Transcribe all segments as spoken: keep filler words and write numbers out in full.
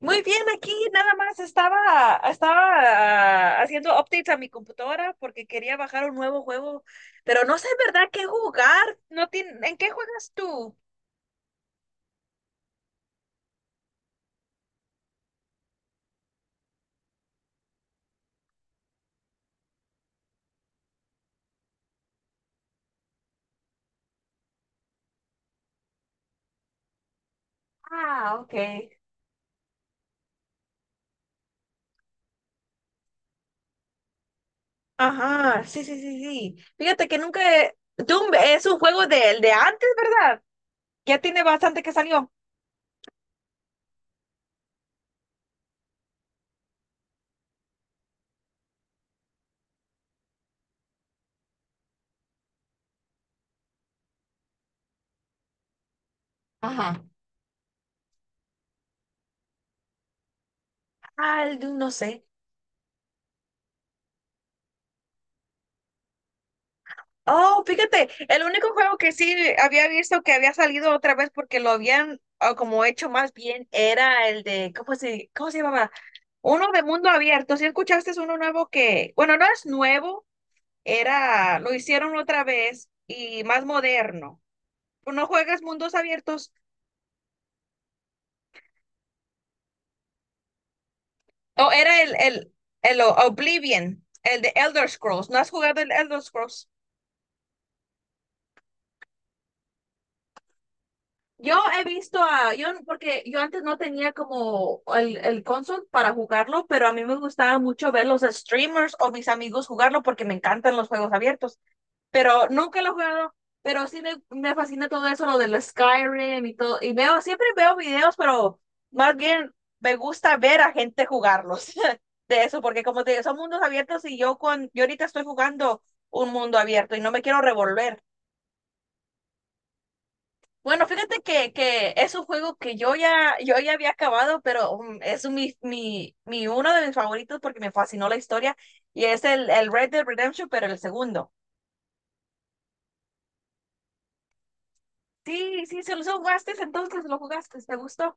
Muy bien, aquí nada más estaba, estaba haciendo updates a mi computadora porque quería bajar un nuevo juego, pero no sé en verdad qué jugar. No tiene, ¿en qué juegas tú? Ah, ok. Ajá, sí, sí, sí, sí. Fíjate que nunca... he- Doom es un juego del de antes, ¿verdad? Ya tiene bastante que salió. Ajá. Ah, el Doom, no sé. Oh, fíjate, el único juego que sí había visto que había salido otra vez porque lo habían ah, como hecho más bien era el de, ¿cómo se, cómo se llamaba? Uno de mundo abierto. Si escuchaste es uno nuevo que, bueno, no es nuevo, era, lo hicieron otra vez y más moderno. Tú, ¿no juegas mundos abiertos? O era el, el, el Oblivion, el de Elder Scrolls. ¿No has jugado el Elder Scrolls? Yo he visto a, yo, porque yo antes no tenía como el, el console para jugarlo, pero a mí me gustaba mucho ver los streamers o mis amigos jugarlo porque me encantan los juegos abiertos, pero nunca lo he jugado, pero sí me, me fascina todo eso, lo del Skyrim y todo, y veo, siempre veo videos, pero más bien me gusta ver a gente jugarlos de eso, porque como te digo, son mundos abiertos y yo con, yo ahorita estoy jugando un mundo abierto y no me quiero revolver. Bueno, fíjate que, que es un juego que yo ya, yo ya había acabado, pero um, es un- mi, mi, mi uno de mis favoritos porque me fascinó la historia y es el, el Red Dead Redemption, pero el segundo. Sí, sí, se lo jugaste, entonces lo jugaste, ¿te gustó?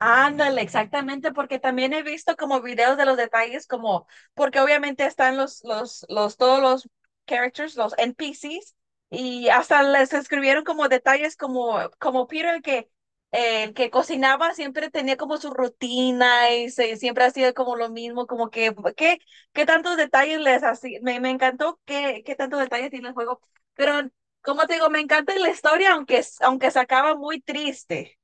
Ándale, exactamente, porque también he visto como videos de los detalles, como, porque obviamente están los, los, los, todos los characters, los N P Ces, y hasta les escribieron como detalles como, como Peter, que eh, el que cocinaba siempre tenía como su rutina y se, siempre hacía como lo mismo, como que, ¿qué, qué tantos detalles les hacía? Me, me encantó qué, qué tantos detalles tiene el juego, pero como te digo, me encanta la historia, aunque, aunque se acaba muy triste.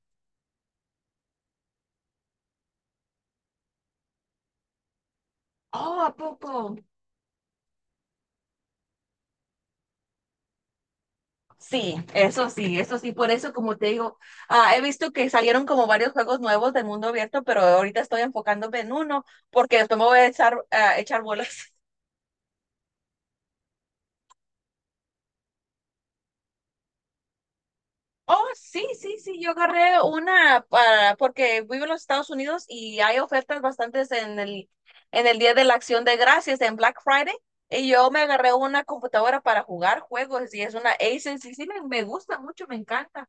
Oh, ¿a poco? Sí, eso sí, eso sí, por eso como te digo, ah, he visto que salieron como varios juegos nuevos del mundo abierto, pero ahorita estoy enfocándome en uno porque después me voy a echar, a echar bolas. Oh, sí, sí, sí, yo agarré una para, porque vivo en los Estados Unidos y hay ofertas bastantes en el, en el Día de la Acción de Gracias, en Black Friday, y yo me agarré una computadora para jugar juegos y es una Asus y sí me, me gusta mucho, me encanta.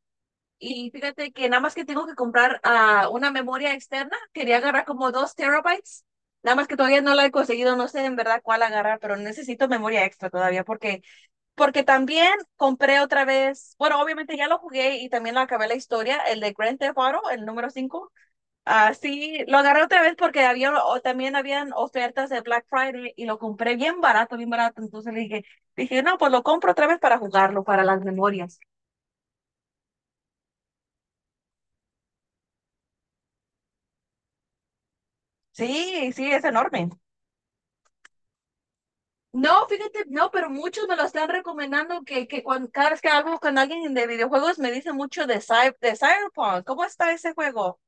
Y fíjate que nada más que tengo que comprar ah, una memoria externa. Quería agarrar como dos terabytes. Nada más que todavía no la he conseguido. No sé en verdad cuál agarrar, pero necesito memoria extra todavía porque, porque también compré otra vez. Bueno, obviamente ya lo jugué y también lo acabé la historia, el de Grand Theft Auto, el número cinco. Así lo agarré otra vez porque había o también habían ofertas de Black Friday y lo compré bien barato, bien barato. Entonces le dije, dije, no, pues lo compro otra vez para jugarlo, para las memorias. Sí, sí, es enorme. No, fíjate, no, pero muchos me lo están recomendando que, que cuando, cada vez que hablo con alguien de videojuegos me dicen mucho de, Cy- de Cyberpunk. ¿Cómo está ese juego?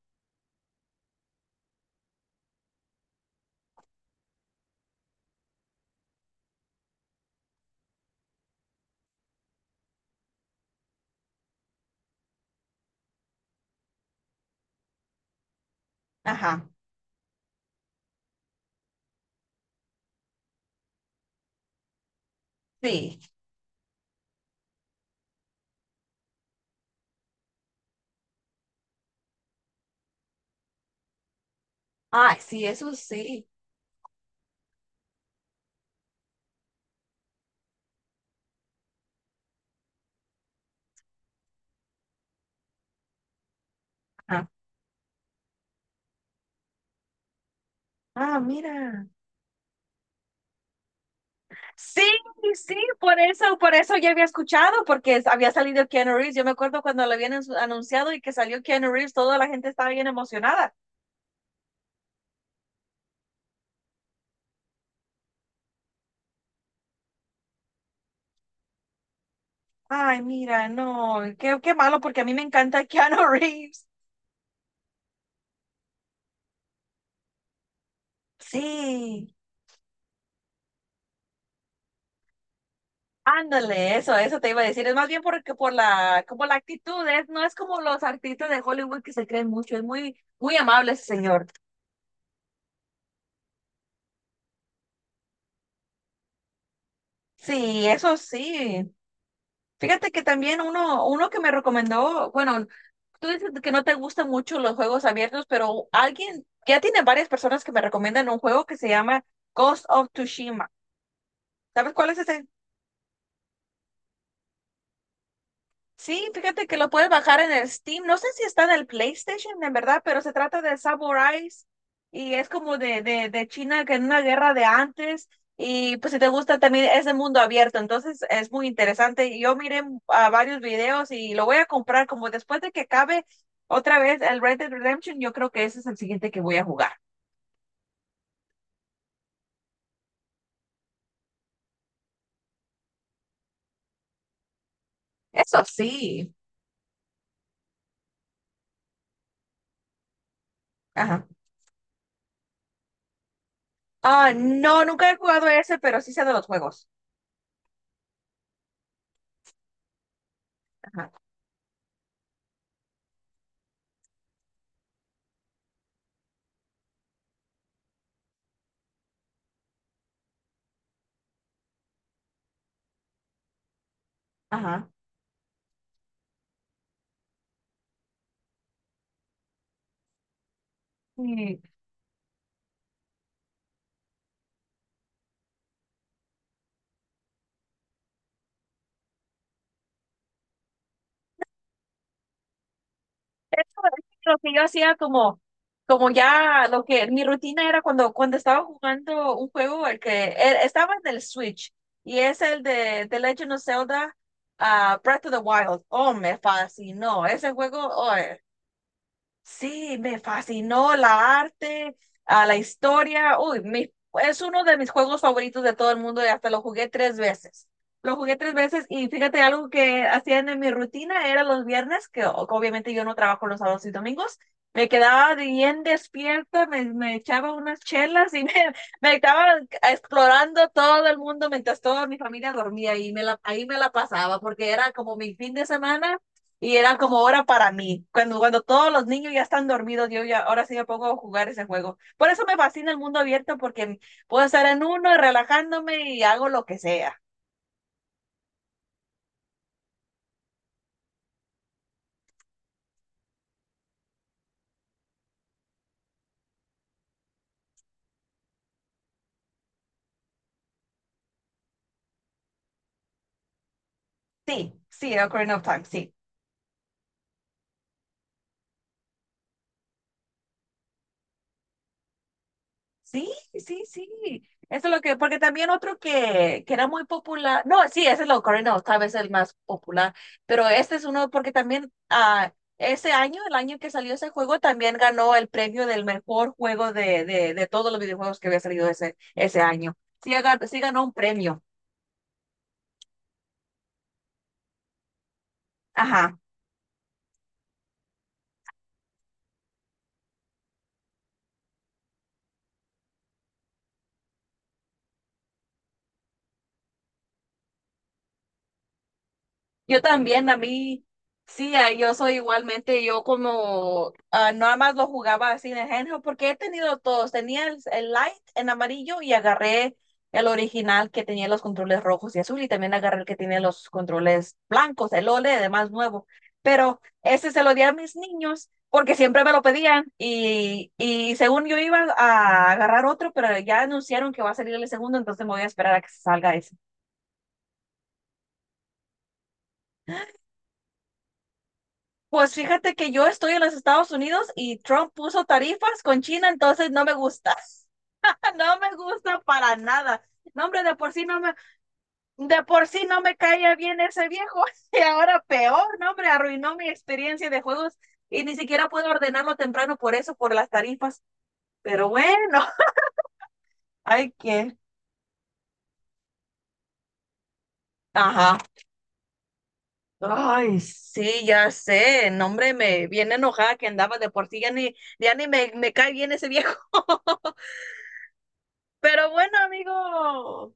Ajá, sí. Ay, sí, eso sí. Ajá. Ah, mira. Sí, sí, por eso, por eso ya había escuchado, porque es- había salido Keanu Reeves. Yo me acuerdo cuando lo habían ansu- anunciado y que salió Keanu Reeves, toda la gente estaba bien emocionada. Ay, mira, no, qué, qué malo, porque a mí me encanta Keanu Reeves. Sí. Ándale, eso, eso te iba a decir. Es más bien porque por la, como la actitud, es, no es como los artistas de Hollywood que se creen mucho, es muy, muy amable ese señor. Sí, eso sí. Fíjate que también uno, uno que me recomendó, bueno, tú dices que no te gustan mucho los juegos abiertos, pero alguien, ya tiene varias personas que me recomiendan un juego que se llama Ghost of Tsushima. ¿Sabes cuál es ese? Sí, fíjate que lo puedes bajar en el Steam. No sé si está en el PlayStation, en verdad, pero se trata de samuráis y es como de, de, de China que en una guerra de antes. Y pues si te gusta también es de mundo abierto, entonces es muy interesante. Y yo miré a varios videos y lo voy a comprar como después de que acabe otra vez el Red Dead Redemption. Yo creo que ese es el siguiente que voy a jugar. Eso sí. Ajá. Ah, no, nunca he jugado ese, pero sí sé de los juegos. Ajá. Ajá. Sí. Eso es lo que yo hacía como, como ya lo que mi rutina era cuando, cuando estaba jugando un juego, el que eh, estaba en el Switch y es el de The Legend of Zelda ah, Breath of the Wild. Oh, me fascinó. Ese juego, oh. Sí, me fascinó la arte, a la historia. Uy, mi- es uno de mis juegos favoritos de todo el mundo y hasta lo jugué tres veces. Lo jugué tres veces y fíjate, algo que hacían en mi rutina era los viernes, que o- obviamente yo no trabajo los sábados y domingos. Me quedaba bien despierta, me, me echaba unas chelas y me, me estaba explorando todo el mundo mientras toda mi familia dormía y me la, ahí me la pasaba porque era como mi fin de semana y eran como hora para mí, cuando, cuando todos los niños ya están dormidos, yo ya ahora sí me pongo a jugar ese juego. Por eso me fascina el mundo abierto, porque puedo estar en uno y relajándome y hago lo que sea. Sí, sí, Ocarina of Time, sí. Sí, sí, sí. Eso es lo que, porque también otro que, que era muy popular, no, sí, ese es lo Cardinals, tal vez el más popular, pero este es uno porque también ah, ese año, el año que salió ese juego, también ganó el premio del mejor juego de, de, de todos los videojuegos que había salido ese, ese año. Sí, aga- sí ganó un premio. Ajá. Yo también, a mí, sí, a- yo soy igualmente, yo como ah, nada más lo jugaba así en el handheld, porque he tenido todos, tenía el, el light en amarillo y agarré el original que tenía los controles rojos y azul y también agarré el que tiene los controles blancos, el O L E D, más nuevo, pero ese se lo di a mis niños porque siempre me lo pedían y, y según yo iba a agarrar otro, pero ya anunciaron que va a salir el segundo, entonces me voy a esperar a que salga ese. Pues fíjate que yo estoy en los Estados Unidos y Trump puso tarifas con China, entonces no me gusta, no me gusta para nada. No, hombre, de por sí no me, de por sí no me caía bien ese viejo y ahora peor, no, hombre, arruinó mi experiencia de juegos y ni siquiera puedo ordenarlo temprano por eso, por las tarifas. Pero bueno, hay que, ajá. Ay, sí, ya sé, no, hombre, me viene enojada que andaba de por sí, ya ni, ya ni me, me cae bien ese viejo. Pero bueno, amigo,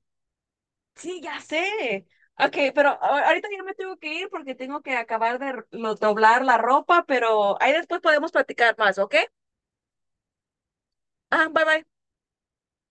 sí, ya sé. Ok, pero a- ahorita ya me tengo que ir porque tengo que acabar de r- lo- doblar la ropa, pero ahí después podemos platicar más, ¿ok? Ah, bye bye.